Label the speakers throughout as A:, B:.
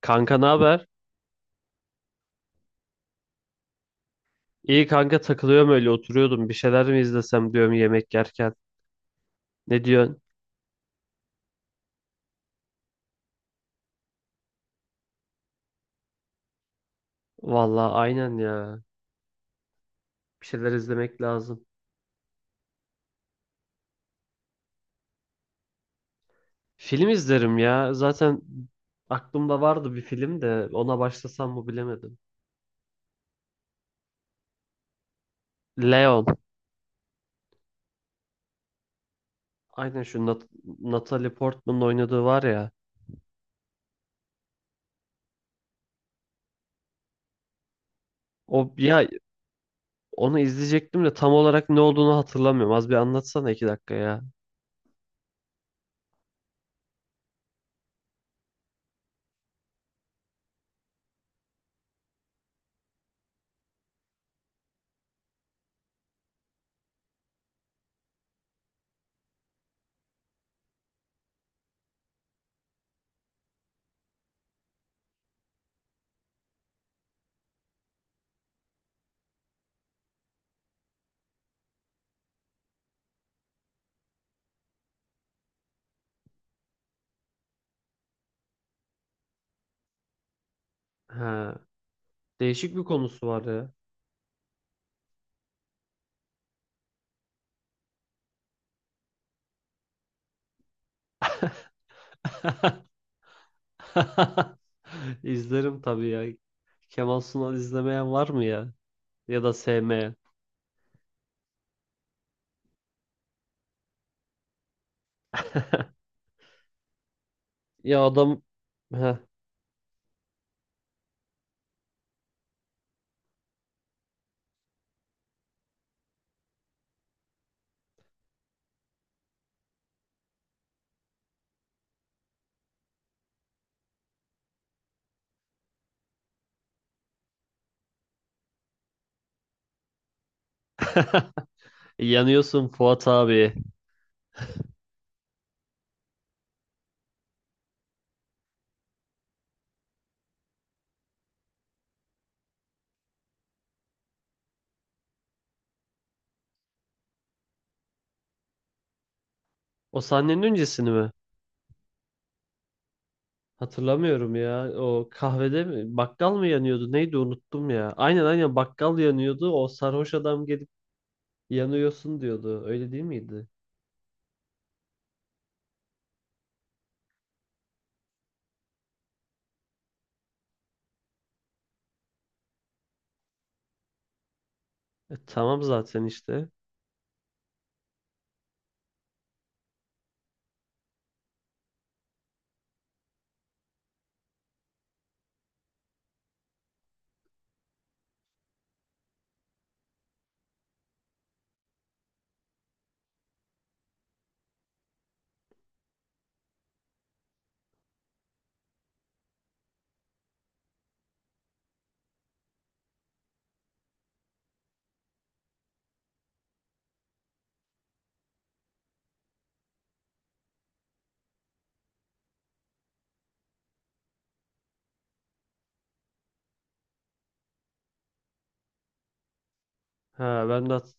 A: Kanka ne haber? İyi kanka takılıyorum öyle oturuyordum. Bir şeyler mi izlesem diyorum yemek yerken. Ne diyorsun? Vallahi aynen ya. Bir şeyler izlemek lazım. Film izlerim ya. Zaten aklımda vardı bir film de ona başlasam mı bilemedim. Leon. Aynen şu Natalie Portman'ın oynadığı var ya. O ya onu izleyecektim de tam olarak ne olduğunu hatırlamıyorum. Az bir anlatsana iki dakika ya. Ha, değişik bir konusu var ya. İzlerim tabii ya. Kemal Sunal izlemeyen var mı ya? Ya da sevmeyen. Ya adam Heh. Yanıyorsun Fuat abi. O sahnenin öncesini mi? Hatırlamıyorum ya. O kahvede mi? Bakkal mı yanıyordu? Neydi unuttum ya. Aynen aynen bakkal yanıyordu. O sarhoş adam gelip yanıyorsun diyordu. Öyle değil miydi? Tamam zaten işte. Ha ben de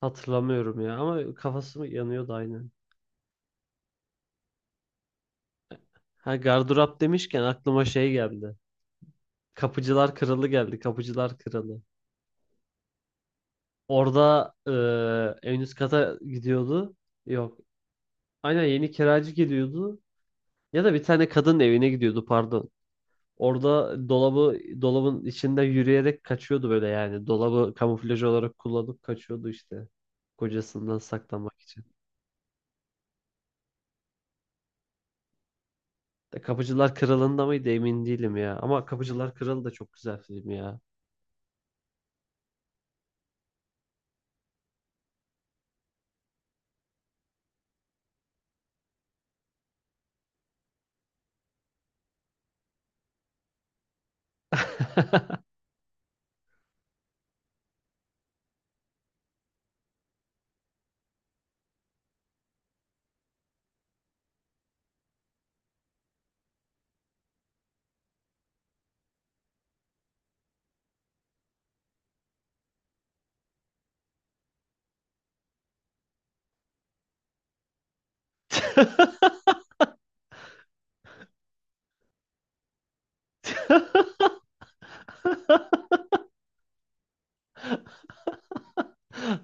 A: hatırlamıyorum ya. Ama kafası mı yanıyordu aynen. Ha gardırop demişken aklıma şey geldi. Kapıcılar Kralı geldi. Kapıcılar Kralı. Orada en üst kata gidiyordu. Yok. Aynen yeni kiracı geliyordu. Ya da bir tane kadın evine gidiyordu pardon. Orada dolabı dolabın içinde yürüyerek kaçıyordu böyle yani. Dolabı kamuflaj olarak kullanıp kaçıyordu işte. Kocasından saklanmak için. De Kapıcılar Kralı'nda mıydı emin değilim ya. Ama Kapıcılar Kralı da çok güzel film ya.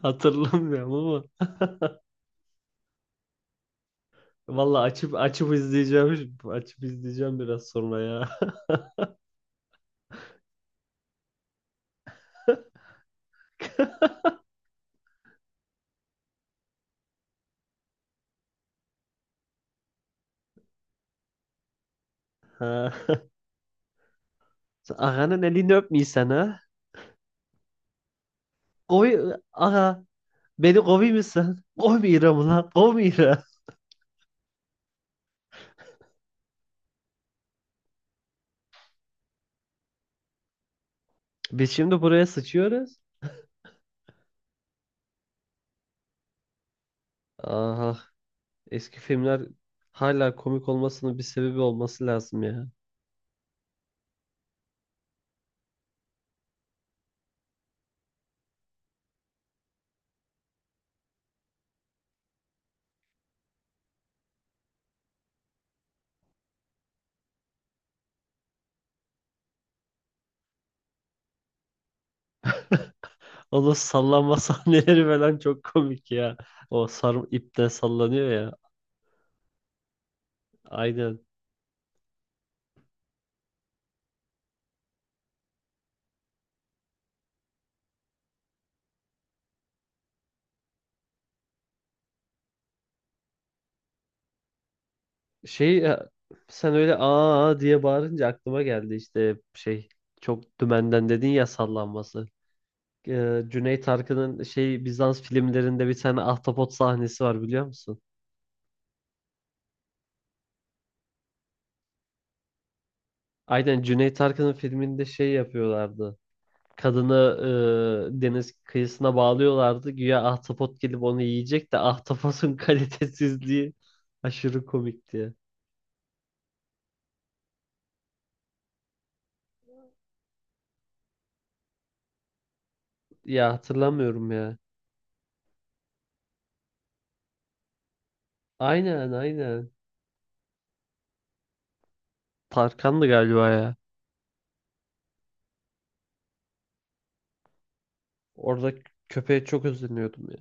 A: Hatırlamıyorum ama. Valla açıp açıp izleyeceğim. Açıp izleyeceğim biraz sonra ya. Ha. Ağanın elini öpmeysen ha. Koy aga beni kovuyor musun? Kovmuyorum lan kovmuyorum. Biz şimdi buraya sıçıyoruz. Aha eski filmler hala komik olmasının bir sebebi olması lazım ya. Onun sallanma sahneleri falan çok komik ya. O sarı ipten sallanıyor ya. Aynen. Şey e, Sen öyle aa diye bağırınca aklıma geldi işte şey çok dümenden dedin ya sallanması. Cüneyt Arkın'ın şey Bizans filmlerinde bir tane ahtapot sahnesi var biliyor musun? Aynen Cüneyt Arkın'ın filminde şey yapıyorlardı. Kadını deniz kıyısına bağlıyorlardı. Güya ahtapot gelip onu yiyecek de ahtapotun kalitesizliği aşırı komikti. Ya hatırlamıyorum ya. Aynen aynen. Tarkan'dı galiba ya. Orada köpeğe çok özeniyordum ya.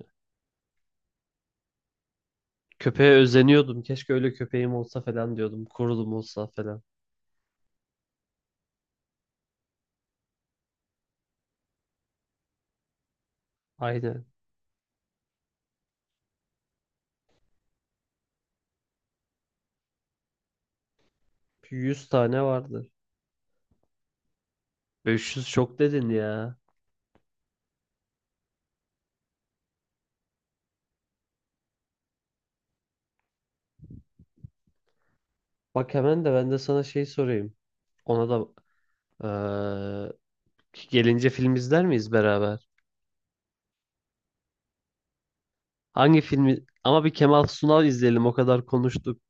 A: Köpeğe özeniyordum. Keşke öyle köpeğim olsa falan diyordum. Kurulum olsa falan. Aynen. 100 tane vardı. 500 çok dedin ya. Bak hemen de ben de sana şey sorayım. Ona da eee, gelince film izler miyiz beraber? Hangi filmi? Ama bir Kemal Sunal izleyelim. O kadar konuştuk.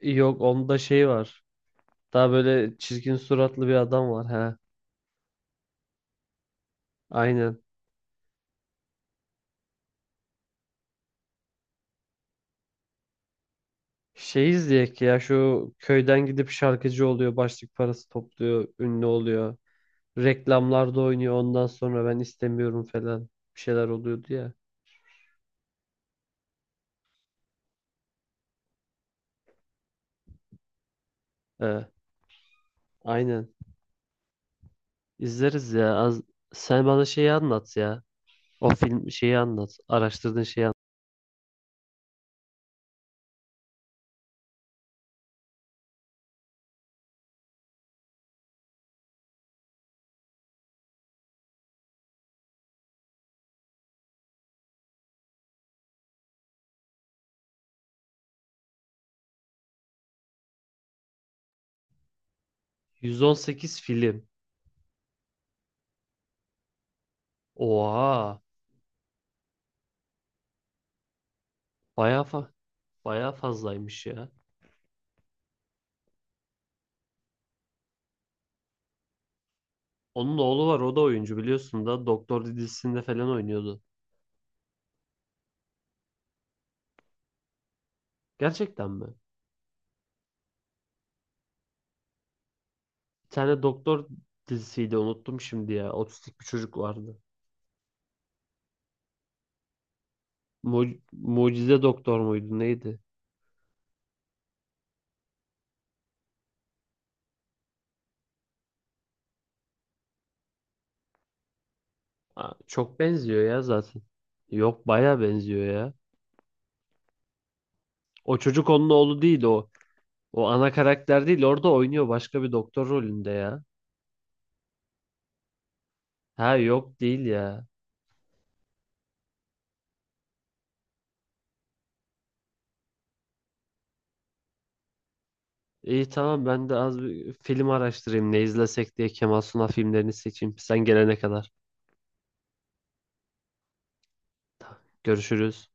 A: Yok onda şey var. Daha böyle çirkin suratlı bir adam var. He. Aynen. Şey izleyek ya şu köyden gidip şarkıcı oluyor, başlık parası topluyor, ünlü oluyor. Reklamlarda oynuyor ondan sonra ben istemiyorum falan bir şeyler oluyordu ya. He, aynen. İzleriz ya. Az... Sen bana şeyi anlat ya. O film şeyi anlat. Araştırdığın şeyi anlat. 118 film. Oha. Bayağı fa bayağı fazlaymış ya. Onun oğlu var o da oyuncu biliyorsun da Doktor dizisinde falan oynuyordu. Gerçekten mi? Bir tane doktor dizisiydi unuttum şimdi ya. Otistik bir çocuk vardı. Mu Mucize Doktor muydu neydi? Aa, çok benziyor ya zaten. Yok baya benziyor ya. O çocuk onun oğlu değil o. O ana karakter değil orada oynuyor başka bir doktor rolünde ya. Ha yok değil ya. İyi tamam ben de az bir film araştırayım ne izlesek diye Kemal Sunal filmlerini seçeyim. Sen gelene kadar. Görüşürüz.